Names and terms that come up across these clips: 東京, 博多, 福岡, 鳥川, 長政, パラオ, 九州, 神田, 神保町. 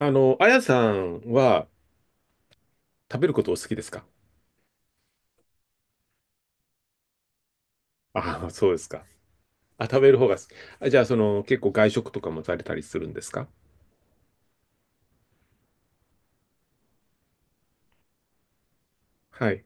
あやさんは食べることお好きですか？あ あ、そうですか。あ、食べる方が好き。あ、じゃあ、結構外食とかもされたりするんですか？はい、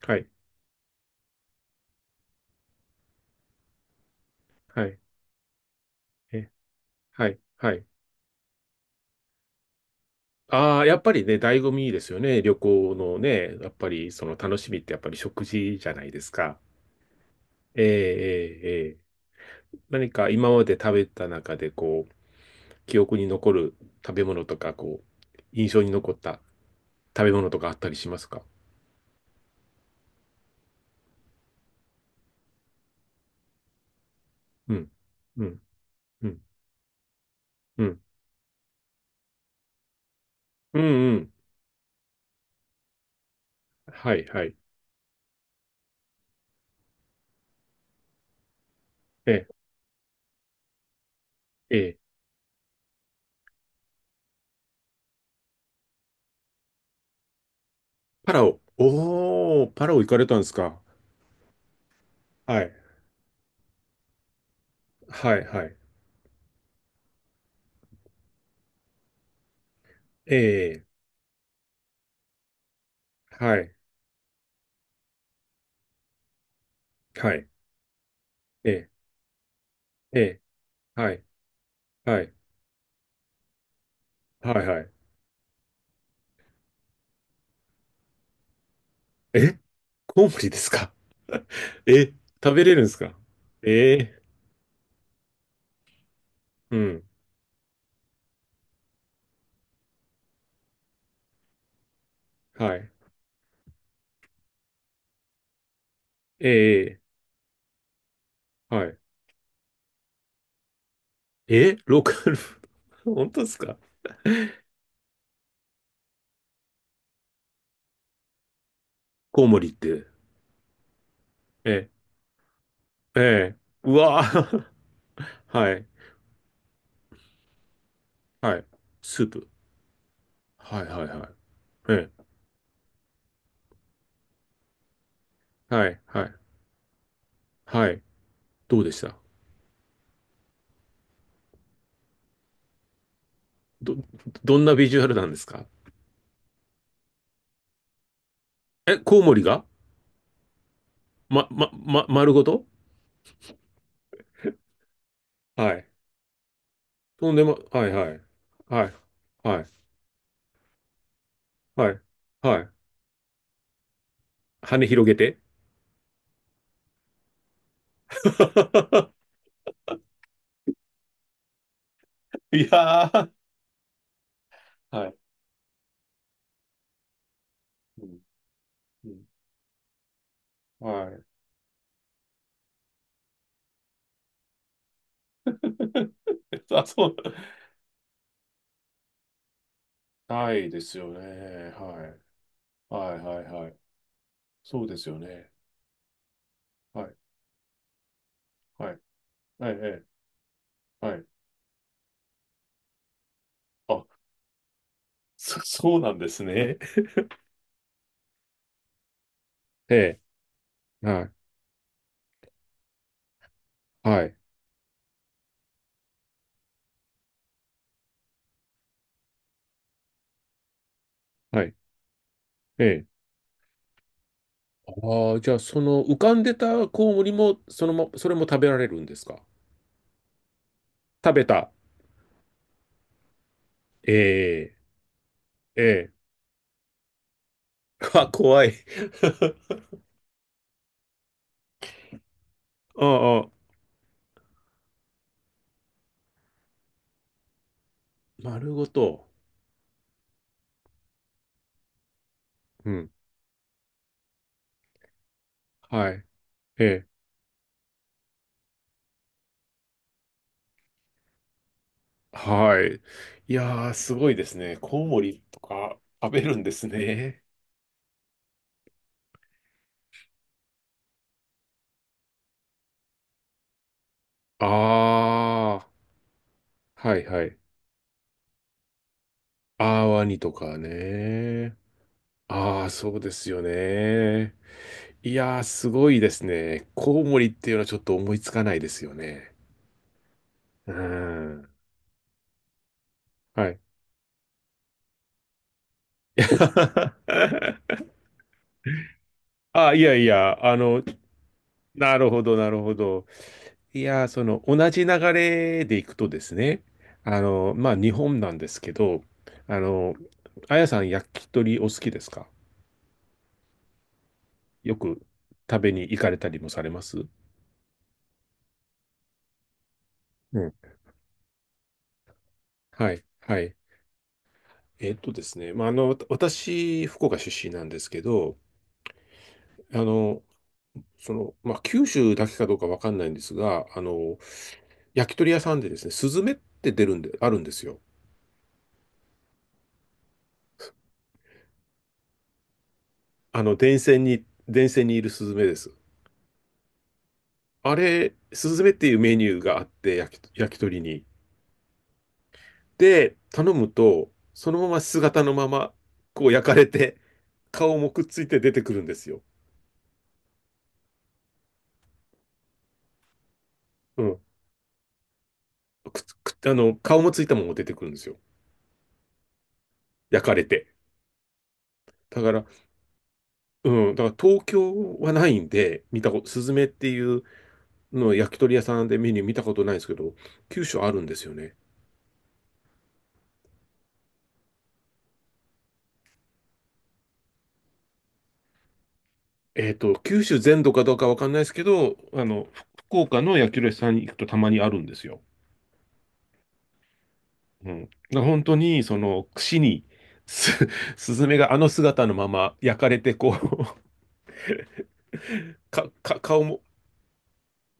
はい、はい、え、はい、はい。ああ、やっぱりね、醍醐味ですよね。旅行のね、やっぱりその楽しみってやっぱり食事じゃないですか。ええ、ええ、ええ。何か今まで食べた中で、記憶に残る食べ物とか、印象に残った食べ物とかあったりしますか？うん、うん、うん、うん。うんうん。はい、はい。ええ、ええ、パラオ。おー、パラオ行かれたんですか。はい、はい、はい。ええはい、はい。ええええはい、はい、はい、はい。え、コウモリですか？ え、食べれるんですか？ええうん、はい。ええはい。え、ローカル、本当ですか？コウモリって。ええええうわー はい、はい。スープ。はい、はい、はい。えはい、はい、はい。どうでした？ど、どんなビジュアルなんですか？え、コウモリが丸ごとはい。とんでも、はい、はい。はい、はい、はい、はい。羽広げて いやー、はい。うんうんはい。あ、そう。ないですよね。はい。はい、はい、はい。そうですよね。はい、はい、はい、ええはい。あ、そうなんですね。ええ、はい、はい、はい、ええ。ああ、じゃあ、その浮かんでたコウモリも、それも食べられるんですか？食べた。ええ、ええ。あ、怖い。ああ、丸ごと。うん。はい。ええ。はい。いやー、すごいですね。コウモリとか食べるんですね。ああ、はいはい。あー、ワニとかね。ああ、そうですよね。いやー、すごいですね。コウモリっていうのはちょっと思いつかないですよね。うーん。はい。あ、いやいや、なるほど、なるほど。いや、同じ流れでいくとですね、日本なんですけど、あの、あやさん、焼き鳥お好きですか？よく食べに行かれたりもされます？うん。はい、はい。えっとですね、まあ、あの、私、福岡出身なんですけど、あの、九州だけかどうかわかんないんですが、焼き鳥屋さんでですね、スズメって出るんで、あるんですよ。電線にいるスズメです。あれ、スズメっていうメニューがあって、焼き鳥に。で、頼むと、そのまま姿のまま、こう焼かれて、顔もくっついて出てくるんですよ。うん。くっつ、くっあの、顔もついたまま出てくるんですよ。焼かれて。だから、うん、だから東京はないんで、見たこと、スズメっていうのを焼き鳥屋さんでメニュー見たことないんですけど、九州あるんですよね。九州全土かどうかわかんないですけど、福岡の焼き鳥屋さんに行くとたまにあるんですよ。うん。だから本当に、串に、す、スズメがあの姿のまま焼かれて、か、か、顔も、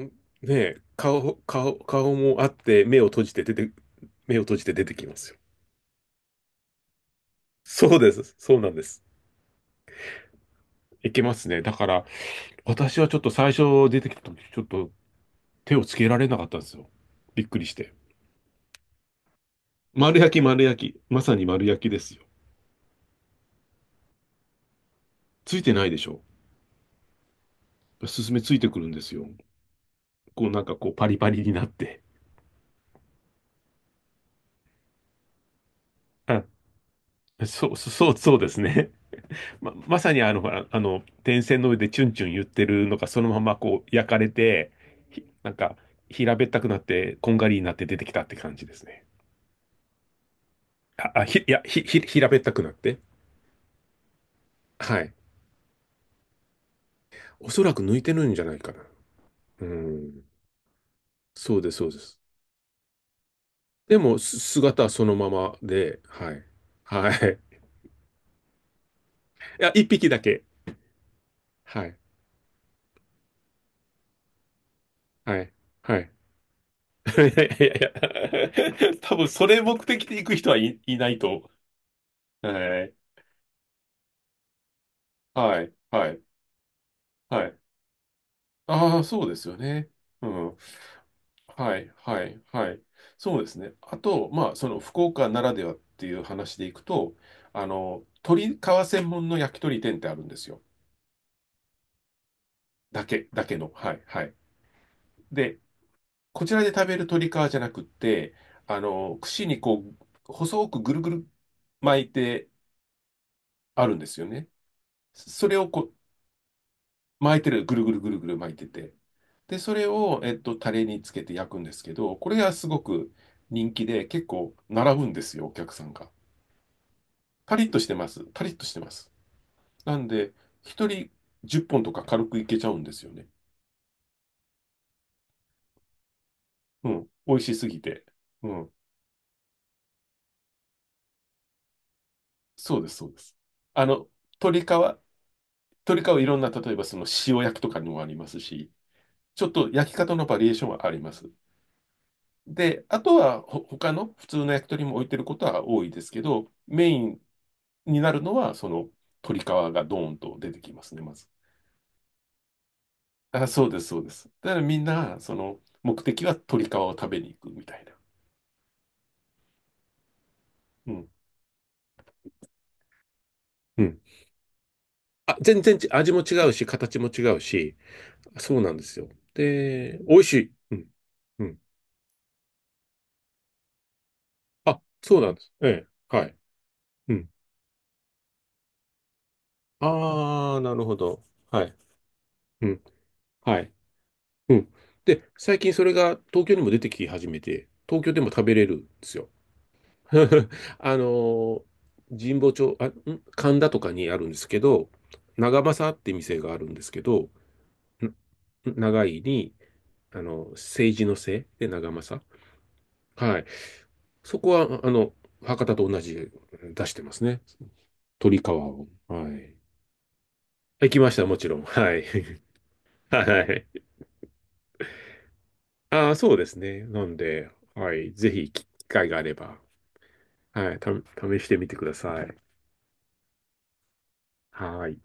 んねえ、顔、顔、顔もあって、目を閉じて出てきますよ。そうです。そうなんです。いけますね。だから、私はちょっと最初出てきた時、ちょっと手をつけられなかったんですよ。びっくりして。丸焼き、丸焼き。まさに丸焼きですよ。ついてないでしょ。スズメついてくるんですよ。こうなんかこうパリパリになって。あ、そう、そう、そうですね。まさにほら電線の上でチュンチュン言ってるのがそのままこう焼かれて、なんか平べったくなって、こんがりになって出てきたって感じですね。いや、平べったくなって。はい。おそらく抜いてるんじゃないかな。うん。そうです、そうです。でも、姿はそのままで、はい。はい。いや、一匹だけ。はい。はい。はい。いやいやいやいや多分それ目的で行く人はいないと。はい。はい。はい。はい。ああ、そうですよね。うん。はい。はい。はい。そうですね。あと、その福岡ならではっていう話でいくと、鶏皮専門の焼き鳥店ってあるんですよ。だけの。はい。はい。で、こちらで食べる鶏皮じゃなくって、串にこう、細くぐるぐる巻いてあるんですよね。それをこう巻いてる、ぐるぐるぐるぐる巻いてて。で、それを、タレにつけて焼くんですけど、これがすごく人気で、結構並ぶんですよ、お客さんが。パリッとしてます。パリッとしてます。なんで、一人10本とか軽くいけちゃうんですよね。うん。美味しすぎて。うん。そうです、そうです。あの、鶏皮、鶏皮いろんな、例えばその塩焼きとかにもありますし、ちょっと焼き方のバリエーションはあります。で、あとは他の普通の焼き鳥も置いてることは多いですけど、メインになるのは、その鳥皮がドーンと出てきますね、まず。あ、そうです、そうです。だからみんな、その目的は鳥皮を食べに行くみたいな。うん。うんあ、全然味も違うし、形も違うし、そうなんですよ。で、美味しい。うん。うん。あ、そうなんです。ええ。はい。うん。ああ、なるほど。はい。うん。はい。うん。で、最近それが東京にも出てき始めて、東京でも食べれるんですよ。あの、神保町、あ、神田とかにあるんですけど、長政って店があるんですけど、ん長いに、政治のせいで長政。はい。そこは、博多と同じ出してますね。鳥川を。はい。行きました、もちろん。はい。はい。ああ、そうですね。なんで、はい。ぜひ、機会があれば、はい。試してみてください。はい。